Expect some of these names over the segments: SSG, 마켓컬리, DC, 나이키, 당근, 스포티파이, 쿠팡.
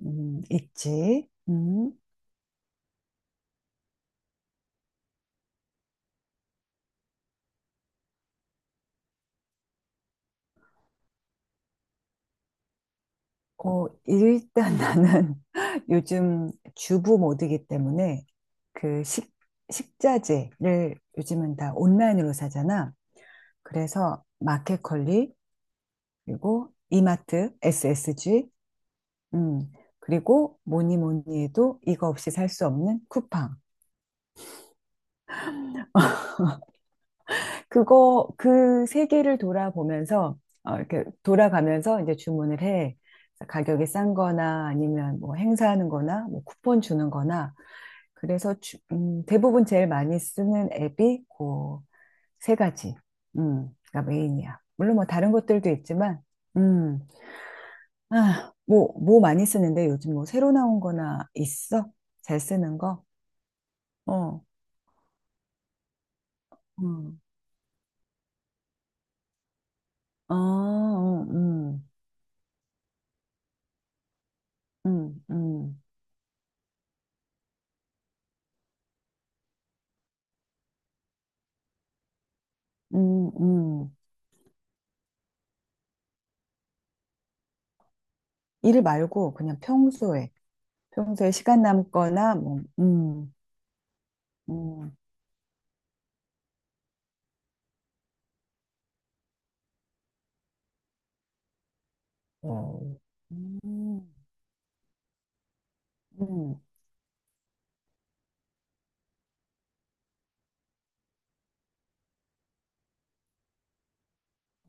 있지. 음. 일단 나는 요즘 주부 모드이기 때문에 그 식, 식자재를 요즘은 다 온라인으로 사잖아. 그래서 마켓컬리, 그리고 이마트, SSG, 음, 그리고 뭐니 뭐니 해도 이거 없이 살 수 없는 쿠팡. 그거 그 세계를 돌아보면서 이렇게 돌아가면서 이제 주문을 해. 그래서 가격이 싼 거나 아니면 뭐 행사하는 거나 뭐 쿠폰 주는 거나 그래서 대부분 제일 많이 쓰는 앱이 그 세 가지. 가 메인이야. 물론 뭐 다른 것들도 있지만 음. 아, 뭐 많이 쓰는데 요즘 뭐 새로 나온 거나 있어? 잘 쓰는 거? 어. 음. 아, 어, 음, 음. 음, 음. 일 말고 그냥 평소에 시간 남거나 뭐. 음, 어, 음, 음,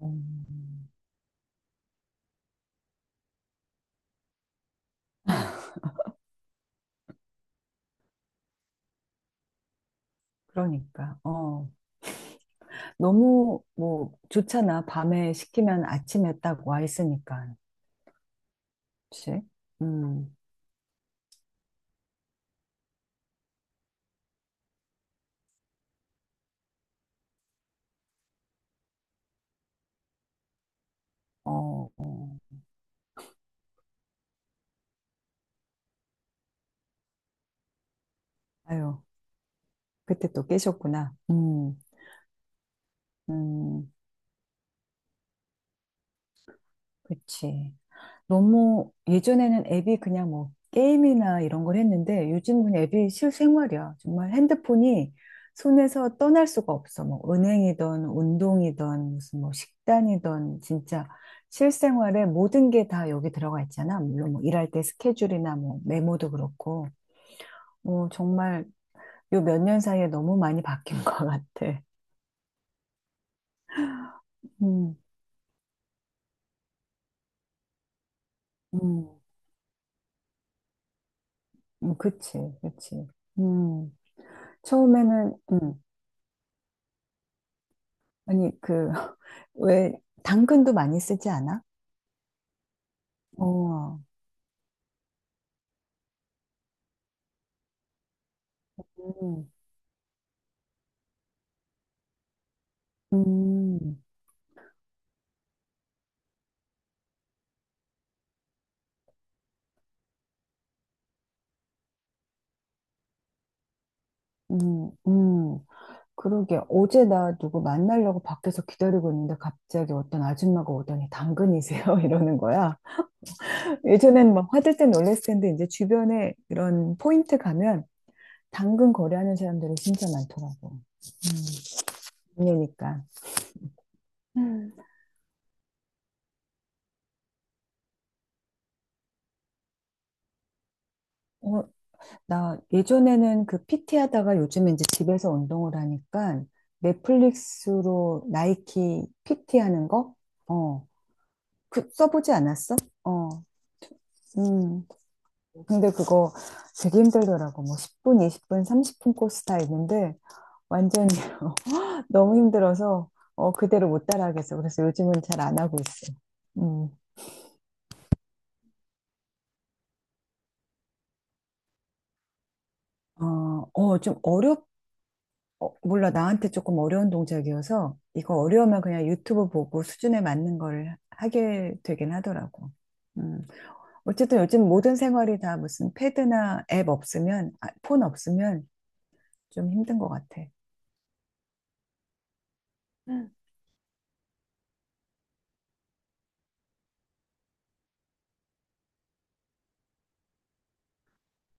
음. 그러니까 너무 뭐 좋잖아, 밤에 시키면 아침에 딱 와 있으니까. 그치? 음, 어, 어. 아유, 그때 또 깨셨구나. 음. 그치. 너무 예전에는 앱이 그냥 뭐 게임이나 이런 걸 했는데 요즘은 앱이 실생활이야. 정말 핸드폰이 손에서 떠날 수가 없어. 뭐 은행이든 운동이든 무슨 뭐 식단이든 진짜 실생활에 모든 게 다 여기 들어가 있잖아. 물론 뭐 일할 때 스케줄이나 뭐 메모도 그렇고. 뭐 정말 요 몇 년 사이에 너무 많이 바뀐 것 같아. 음, 음, 그치, 그치. 음, 처음에는, 아니, 왜, 당근도 많이 쓰지 않아? 어, 음. 음, 음, 음. 그러게. 어제 나 누구 만나려고 밖에서 기다리고 있는데 갑자기 어떤 아줌마가 오더니, 당근이세요? 이러는 거야. 예전엔 막 화들짝 놀랐을 텐데 이제 주변에 이런 포인트 가면 당근 거래하는 사람들이 진짜 많더라고. 이니까. 어, 나 예전에는 그 PT 하다가 요즘 이제 집에서 운동을 하니까 넷플릭스로 나이키 PT 하는 거? 어, 그 써보지 않았어? 어, 음. 근데 그거 되게 힘들더라고. 뭐 10분, 20분, 30분 코스 다 있는데 완전 너무 힘들어서 그대로 못 따라하겠어. 그래서 요즘은 잘 안 하고 있어. 음. 어, 어, 좀 어렵, 몰라, 나한테 조금 어려운 동작이어서 이거 어려우면 그냥 유튜브 보고 수준에 맞는 걸 하게 되긴 하더라고. 음, 어쨌든 요즘 모든 생활이 다 무슨 패드나 앱 없으면, 아, 폰 없으면 좀 힘든 것 같아. 음.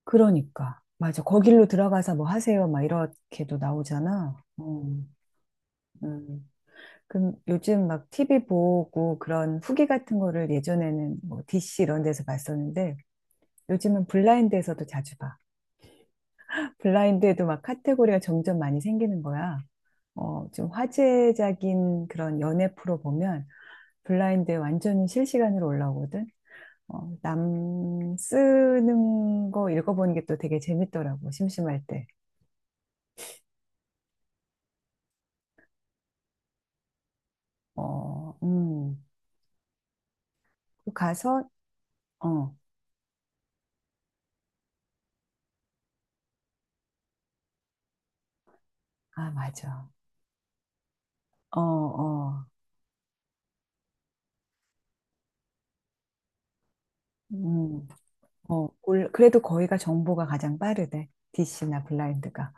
그러니까. 맞아. 거길로 들어가서 뭐 하세요, 막 이렇게도 나오잖아. 음. 그럼 요즘 막 TV 보고 그런 후기 같은 거를 예전에는 뭐 DC 이런 데서 봤었는데 요즘은 블라인드에서도 자주 봐. 블라인드에도 막 카테고리가 점점 많이 생기는 거야. 좀 화제적인 그런 연애 프로 보면 블라인드에 완전히 실시간으로 올라오거든. 남 쓰는 거 읽어보는 게 또 되게 재밌더라고, 심심할 때. 어, 가서, 어, 아, 맞아. 어, 어, 음, 그래도 거기가 정보가 가장 빠르대. DC나 블라인드가.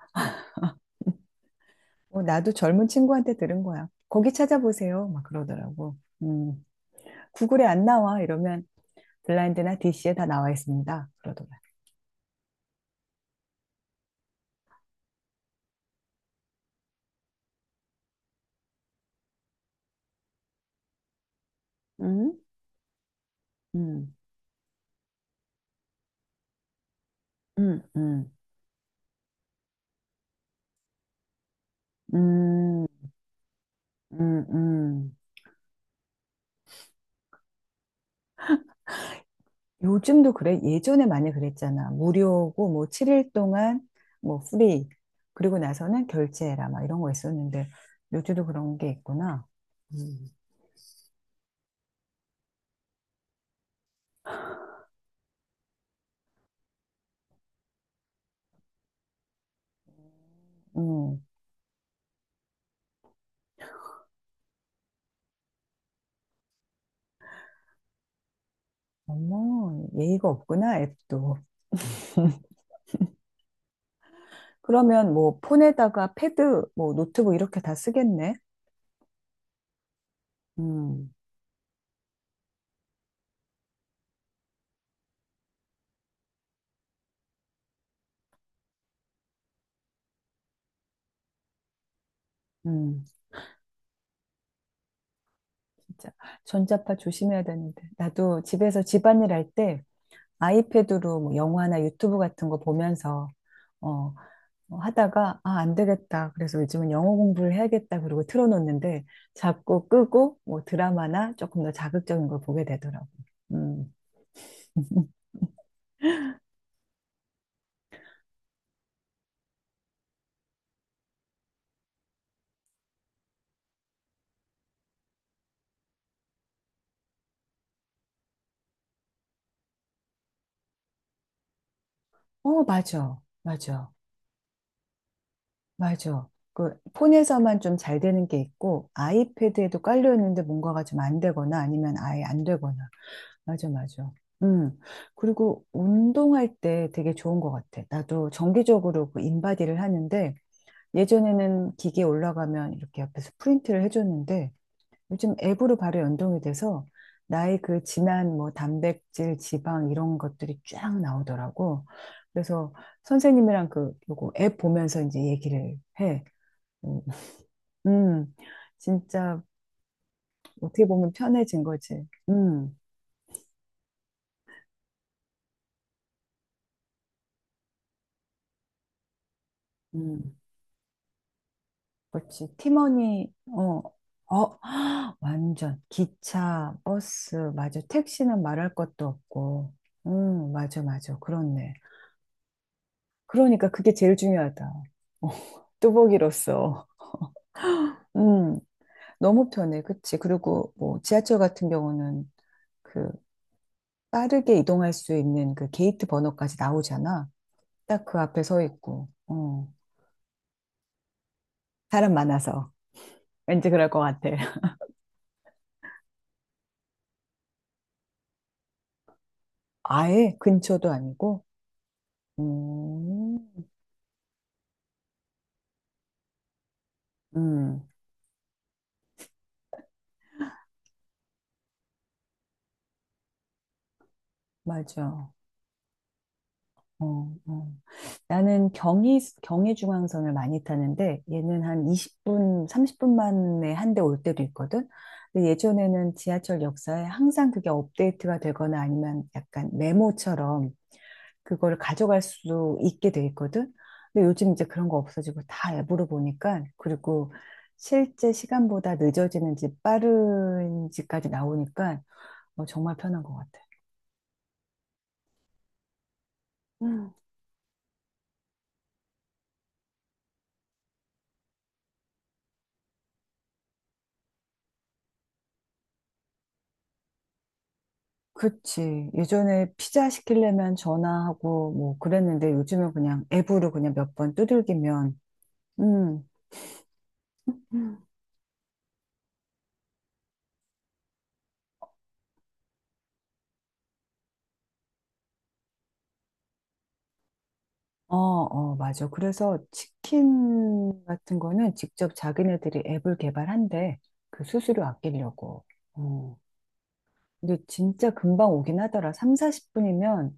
나도 젊은 친구한테 들은 거야. 거기 찾아보세요, 막 그러더라고. 음. 구글에 안 나와 이러면 블라인드나 DC에 다 나와 있습니다, 그러더라고요. 음, 음, 음, 음, 음, 음, 음. 요즘도 그래. 예전에 많이 그랬잖아. 무료고 뭐 7일 동안 뭐 프리, 그리고 나서는 결제해라, 막 이런 거 있었는데 요즘도 그런 게 있구나. 음, 음. 어머, 예의가 없구나, 앱도. 그러면 뭐 폰에다가 패드, 뭐 노트북 이렇게 다 쓰겠네. 음, 음. 진짜 전자파 조심해야 되는데. 나도 집에서 집안일 할 때 아이패드로 뭐 영화나 유튜브 같은 거 보면서 어, 하다가, 아, 안 되겠다, 그래서 요즘은 영어 공부를 해야겠다, 그러고 틀어놓는데 자꾸 끄고 뭐 드라마나 조금 더 자극적인 걸 보게 되더라고. 음. 어, 맞아. 맞아. 맞아. 그 폰에서만 좀 잘 되는 게 있고 아이패드에도 깔려 있는데 뭔가가 좀 안 되거나 아니면 아예 안 되거나. 맞아, 맞아. 음. 그리고 운동할 때 되게 좋은 것 같아. 나도 정기적으로 그 인바디를 하는데 예전에는 기계에 올라가면 이렇게 옆에서 프린트를 해줬는데 요즘 앱으로 바로 연동이 돼서 나의 그 진한 뭐 단백질, 지방 이런 것들이 쫙 나오더라고. 그래서 선생님이랑 그 요거 앱 보면서 이제 얘기를 해. 음, 음. 진짜 어떻게 보면 편해진 거지. 음. 그렇지. 팀원이, 어, 완전. 기차, 버스, 맞아. 택시는 말할 것도 없고. 음, 맞아, 맞아. 그렇네. 그러니까 그게 제일 중요하다. 어, 뚜벅이로서. 음, 너무 편해. 그치. 그리고 뭐 지하철 같은 경우는 그 빠르게 이동할 수 있는 그 게이트 번호까지 나오잖아. 딱 그 앞에 서 있고. 어, 사람 많아서. 왠지 그럴 것 같아. 아예 근처도 아니고. 음. 음. 맞아. 어, 어. 나는 경의중앙선을 많이 타는데 얘는 한 20분, 30분 만에 한 대 올 때도 있거든. 근데 예전에는 지하철 역사에 항상 그게 업데이트가 되거나 아니면 약간 메모처럼 그걸 가져갈 수 있게 돼 있거든. 근데 요즘 이제 그런 거 없어지고 다 앱으로 보니까, 그리고 실제 시간보다 늦어지는지 빠른지까지 나오니까 정말 편한 것 같아. 그치. 예전에 피자 시키려면 전화하고 뭐 그랬는데 요즘은 그냥 앱으로 그냥 몇 번 두들기면. 음, 어, 어, 맞아. 그래서 치킨 같은 거는 직접 자기네들이 앱을 개발한대. 그 수수료 아끼려고. 어. 근데 진짜 금방 오긴 하더라. 3, 40분이면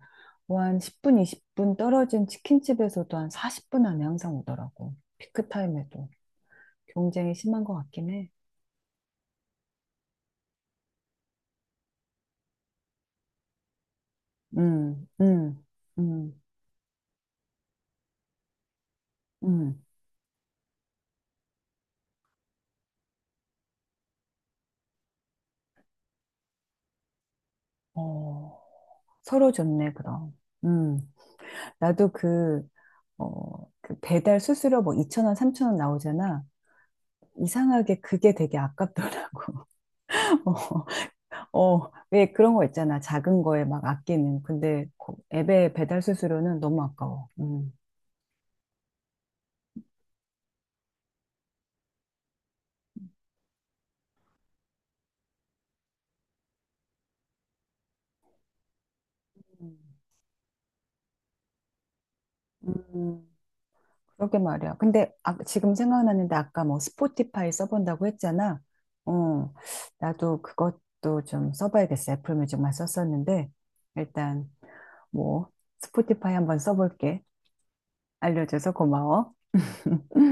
뭐 한 10분, 20분 떨어진 치킨집에서도 한 40분 안에 항상 오더라고. 피크 타임에도. 경쟁이 심한 것 같긴 해. 음, 음, 음. 음, 어, 서로 좋네, 그럼. 음, 나도 그 배달 수수료 뭐 2천 원, 3천 원 나오잖아. 이상하게 그게 되게 아깝더라고. 어, 왜, 그런 거 있잖아, 작은 거에 막 아끼는. 근데 그 앱의 배달 수수료는 너무 아까워. 음. 음, 그러게 말이야. 근데, 아, 지금 생각나는데 아까 뭐 스포티파이 써본다고 했잖아. 어, 나도 그것도 좀 써봐야겠어. 애플뮤직만 썼었는데 일단 뭐, 스포티파이 한번 써볼게. 알려줘서 고마워.